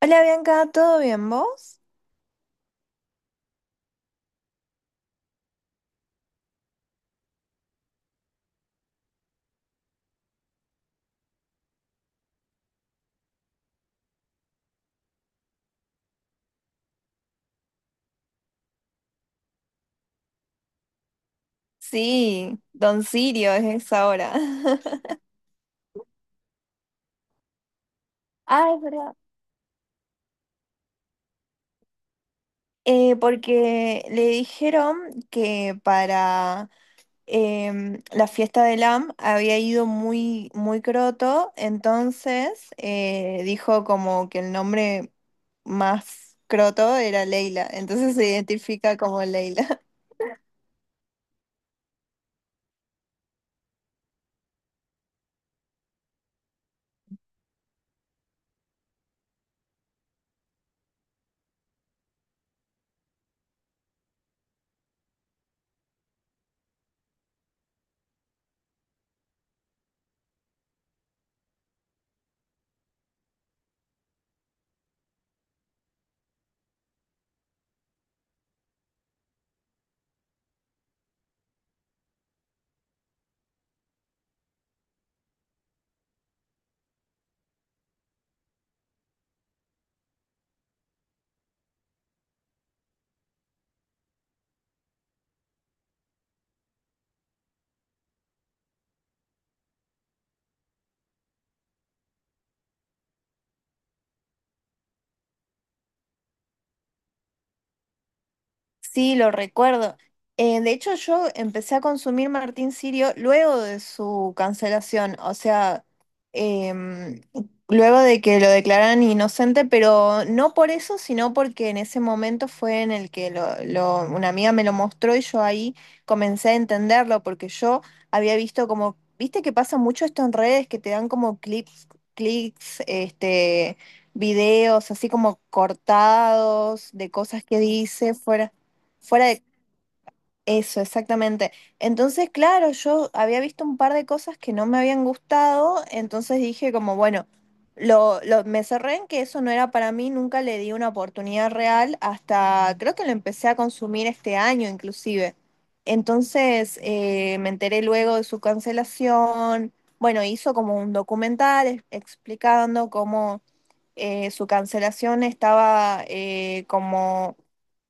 Hola Bianca, ¿todo bien vos? Sí, Don Sirio es esa hora. Ah, es verdad. Porque le dijeron que para la fiesta del AM había ido muy, muy croto, entonces dijo como que el nombre más croto era Leila, entonces se identifica como Leila. Sí, lo recuerdo. De hecho, yo empecé a consumir Martín Sirio luego de su cancelación, o sea, em, luego de que lo declararan inocente, pero no por eso, sino porque en ese momento fue en el que una amiga me lo mostró y yo ahí comencé a entenderlo, porque yo había visto como, viste que pasa mucho esto en redes, que te dan como clips, clics, este... videos así como cortados de cosas que dice fuera. Fuera de eso, exactamente. Entonces, claro, yo había visto un par de cosas que no me habían gustado, entonces dije como, bueno, me cerré en que eso no era para mí, nunca le di una oportunidad real, hasta creo que lo empecé a consumir este año inclusive. Entonces, me enteré luego de su cancelación. Bueno, hizo como un documental explicando cómo su cancelación estaba como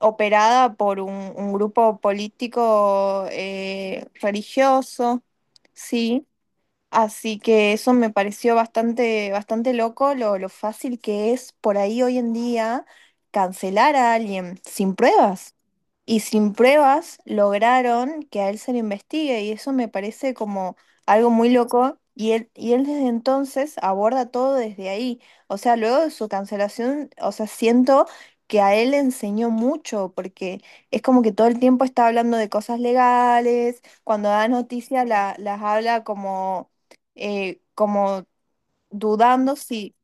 operada por un grupo político religioso, sí. Así que eso me pareció bastante, bastante loco, lo fácil que es por ahí hoy en día cancelar a alguien sin pruebas. Y sin pruebas lograron que a él se le investigue y eso me parece como algo muy loco. Y él desde entonces aborda todo desde ahí. O sea, luego de su cancelación, o sea, siento que a él le enseñó mucho porque es como que todo el tiempo está hablando de cosas legales, cuando da noticias las habla como, como dudando si...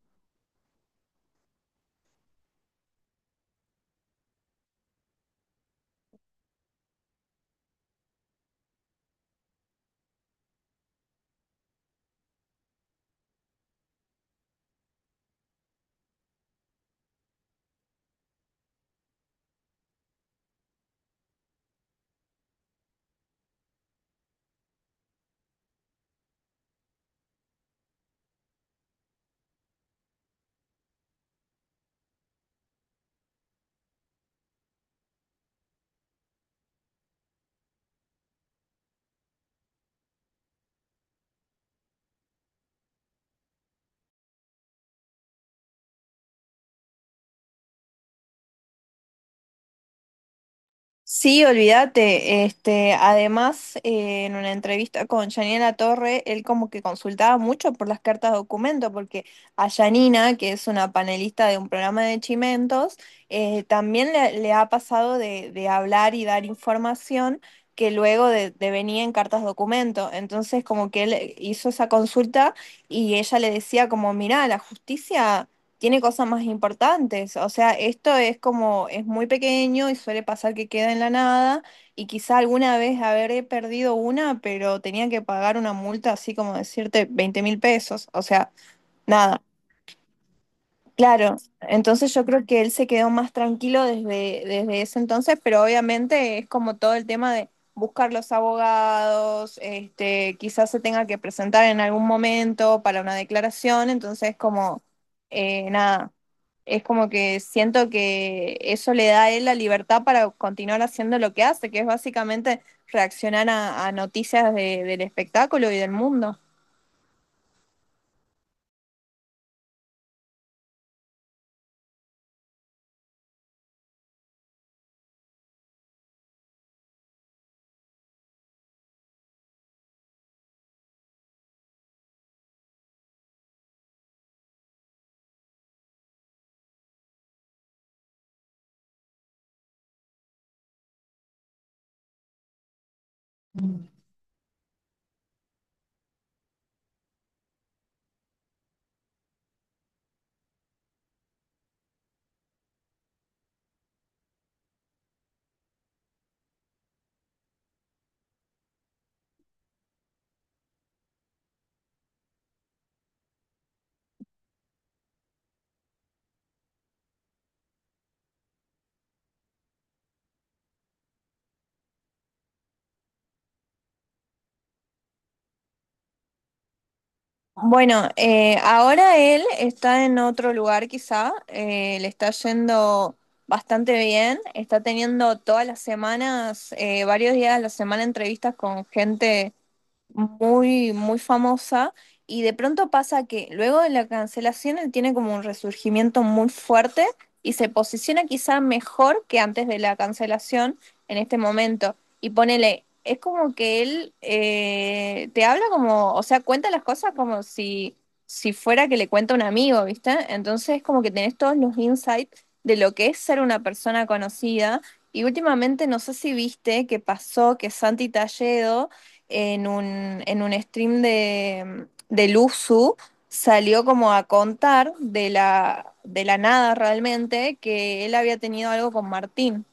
Sí, olvídate. Este, además, en una entrevista con Yanina Torre, él como que consultaba mucho por las cartas de documento, porque a Yanina, que es una panelista de un programa de Chimentos, también le ha pasado de hablar y dar información que luego de venía en cartas de documento. Entonces, como que él hizo esa consulta y ella le decía como, mirá, la justicia tiene cosas más importantes. O sea, esto es como, es muy pequeño y suele pasar que queda en la nada y quizá alguna vez habré perdido una, pero tenía que pagar una multa así como decirte 20 mil pesos. O sea, nada. Claro, entonces yo creo que él se quedó más tranquilo desde, desde ese entonces, pero obviamente es como todo el tema de buscar los abogados, este, quizás se tenga que presentar en algún momento para una declaración, entonces como nada, es como que siento que eso le da a él la libertad para continuar haciendo lo que hace, que es básicamente reaccionar a noticias de, del espectáculo y del mundo. Bueno, ahora él está en otro lugar quizá, le está yendo bastante bien, está teniendo todas las semanas, varios días a la semana entrevistas con gente muy, muy famosa y de pronto pasa que luego de la cancelación él tiene como un resurgimiento muy fuerte y se posiciona quizá mejor que antes de la cancelación en este momento. Y ponele, es como que él te habla como, o sea, cuenta las cosas como si, si fuera que le cuenta un amigo, ¿viste? Entonces como que tenés todos los insights de lo que es ser una persona conocida. Y últimamente no sé si viste que pasó que Santi Talledo en un stream de USU salió como a contar de la nada realmente que él había tenido algo con Martín.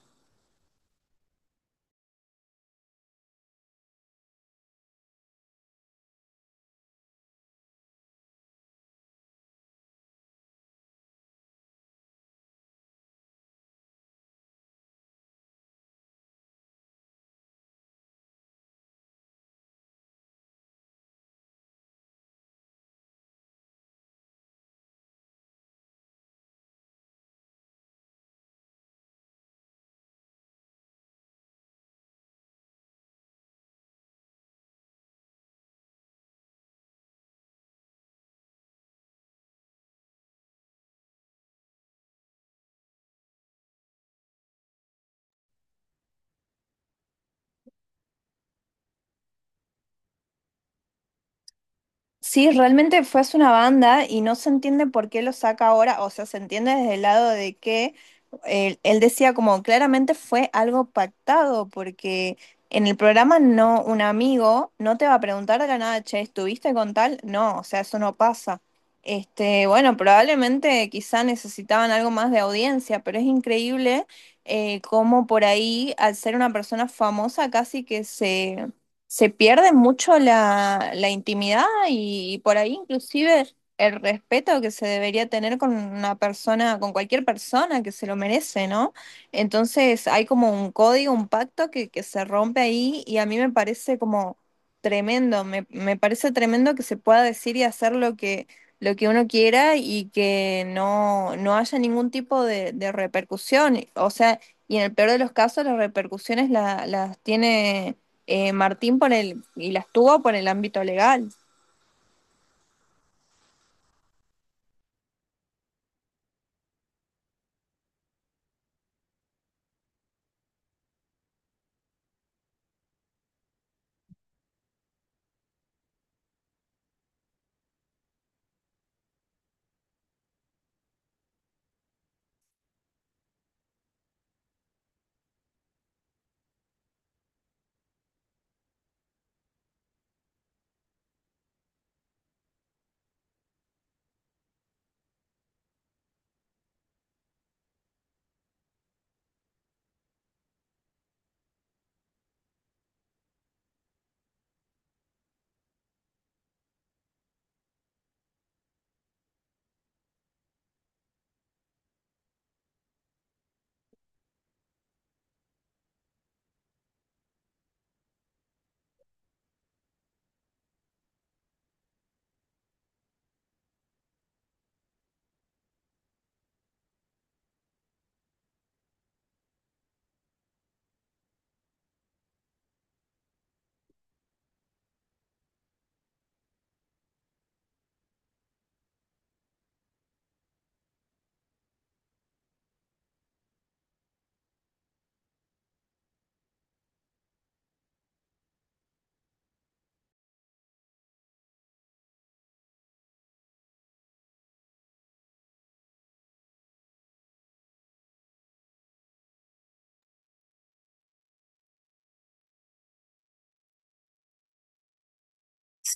Sí, realmente fue hace una banda y no se entiende por qué lo saca ahora, o sea, se entiende desde el lado de que él decía como claramente fue algo pactado, porque en el programa no, un amigo no te va a preguntar de la nada, che, ¿estuviste con tal? No, o sea, eso no pasa. Este, bueno, probablemente quizá necesitaban algo más de audiencia, pero es increíble cómo por ahí, al ser una persona famosa, casi que se pierde mucho la, la intimidad y por ahí inclusive el respeto que se debería tener con una persona, con cualquier persona que se lo merece, ¿no? Entonces hay como un código, un pacto que se rompe ahí y a mí me parece como tremendo, me parece tremendo que se pueda decir y hacer lo que uno quiera y que no, no haya ningún tipo de repercusión. O sea, y en el peor de los casos las repercusiones las tiene Martín y las tuvo por el ámbito legal.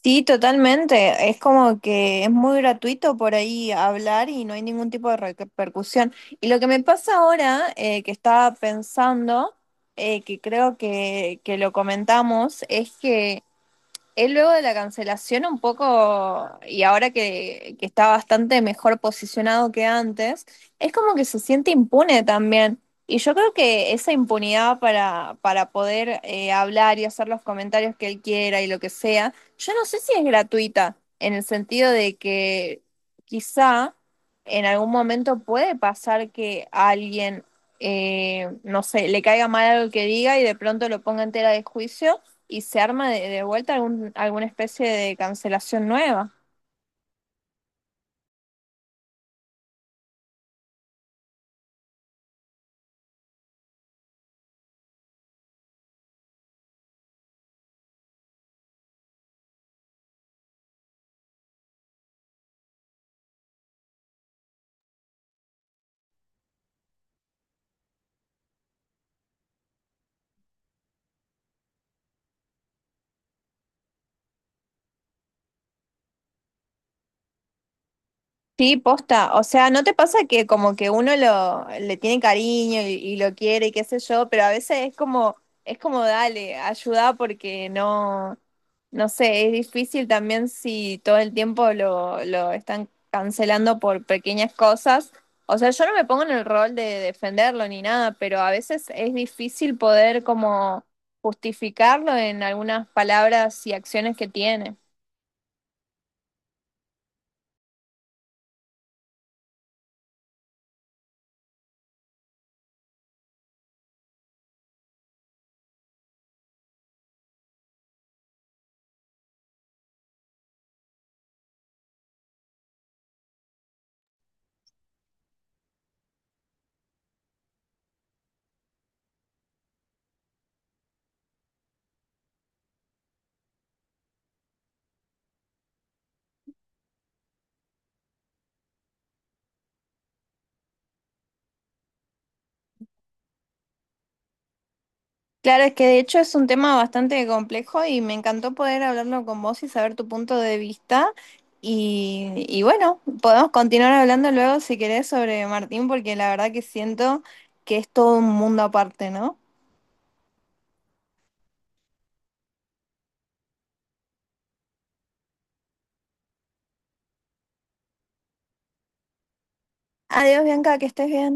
Sí, totalmente. Es como que es muy gratuito por ahí hablar y no hay ningún tipo de repercusión. Y lo que me pasa ahora, que estaba pensando, que creo que lo comentamos, es que él luego de la cancelación un poco, y ahora que está bastante mejor posicionado que antes, es como que se siente impune también. Y yo creo que esa impunidad para poder hablar y hacer los comentarios que él quiera y lo que sea, yo no sé si es gratuita, en el sentido de que quizá en algún momento puede pasar que a alguien, no sé, le caiga mal algo que diga y de pronto lo ponga en tela de juicio y se arma de vuelta algún, alguna especie de cancelación nueva. Sí, posta. O sea, ¿no te pasa que como que uno lo le tiene cariño y lo quiere y qué sé yo, pero a veces es como dale, ayuda porque no, no sé, es difícil también si todo el tiempo lo están cancelando por pequeñas cosas. O sea, yo no me pongo en el rol de defenderlo ni nada, pero a veces es difícil poder como justificarlo en algunas palabras y acciones que tiene. Claro, es que de hecho es un tema bastante complejo y me encantó poder hablarlo con vos y saber tu punto de vista. Y bueno, podemos continuar hablando luego si querés sobre Martín, porque la verdad que siento que es todo un mundo aparte, ¿no? Adiós, Bianca, que estés bien.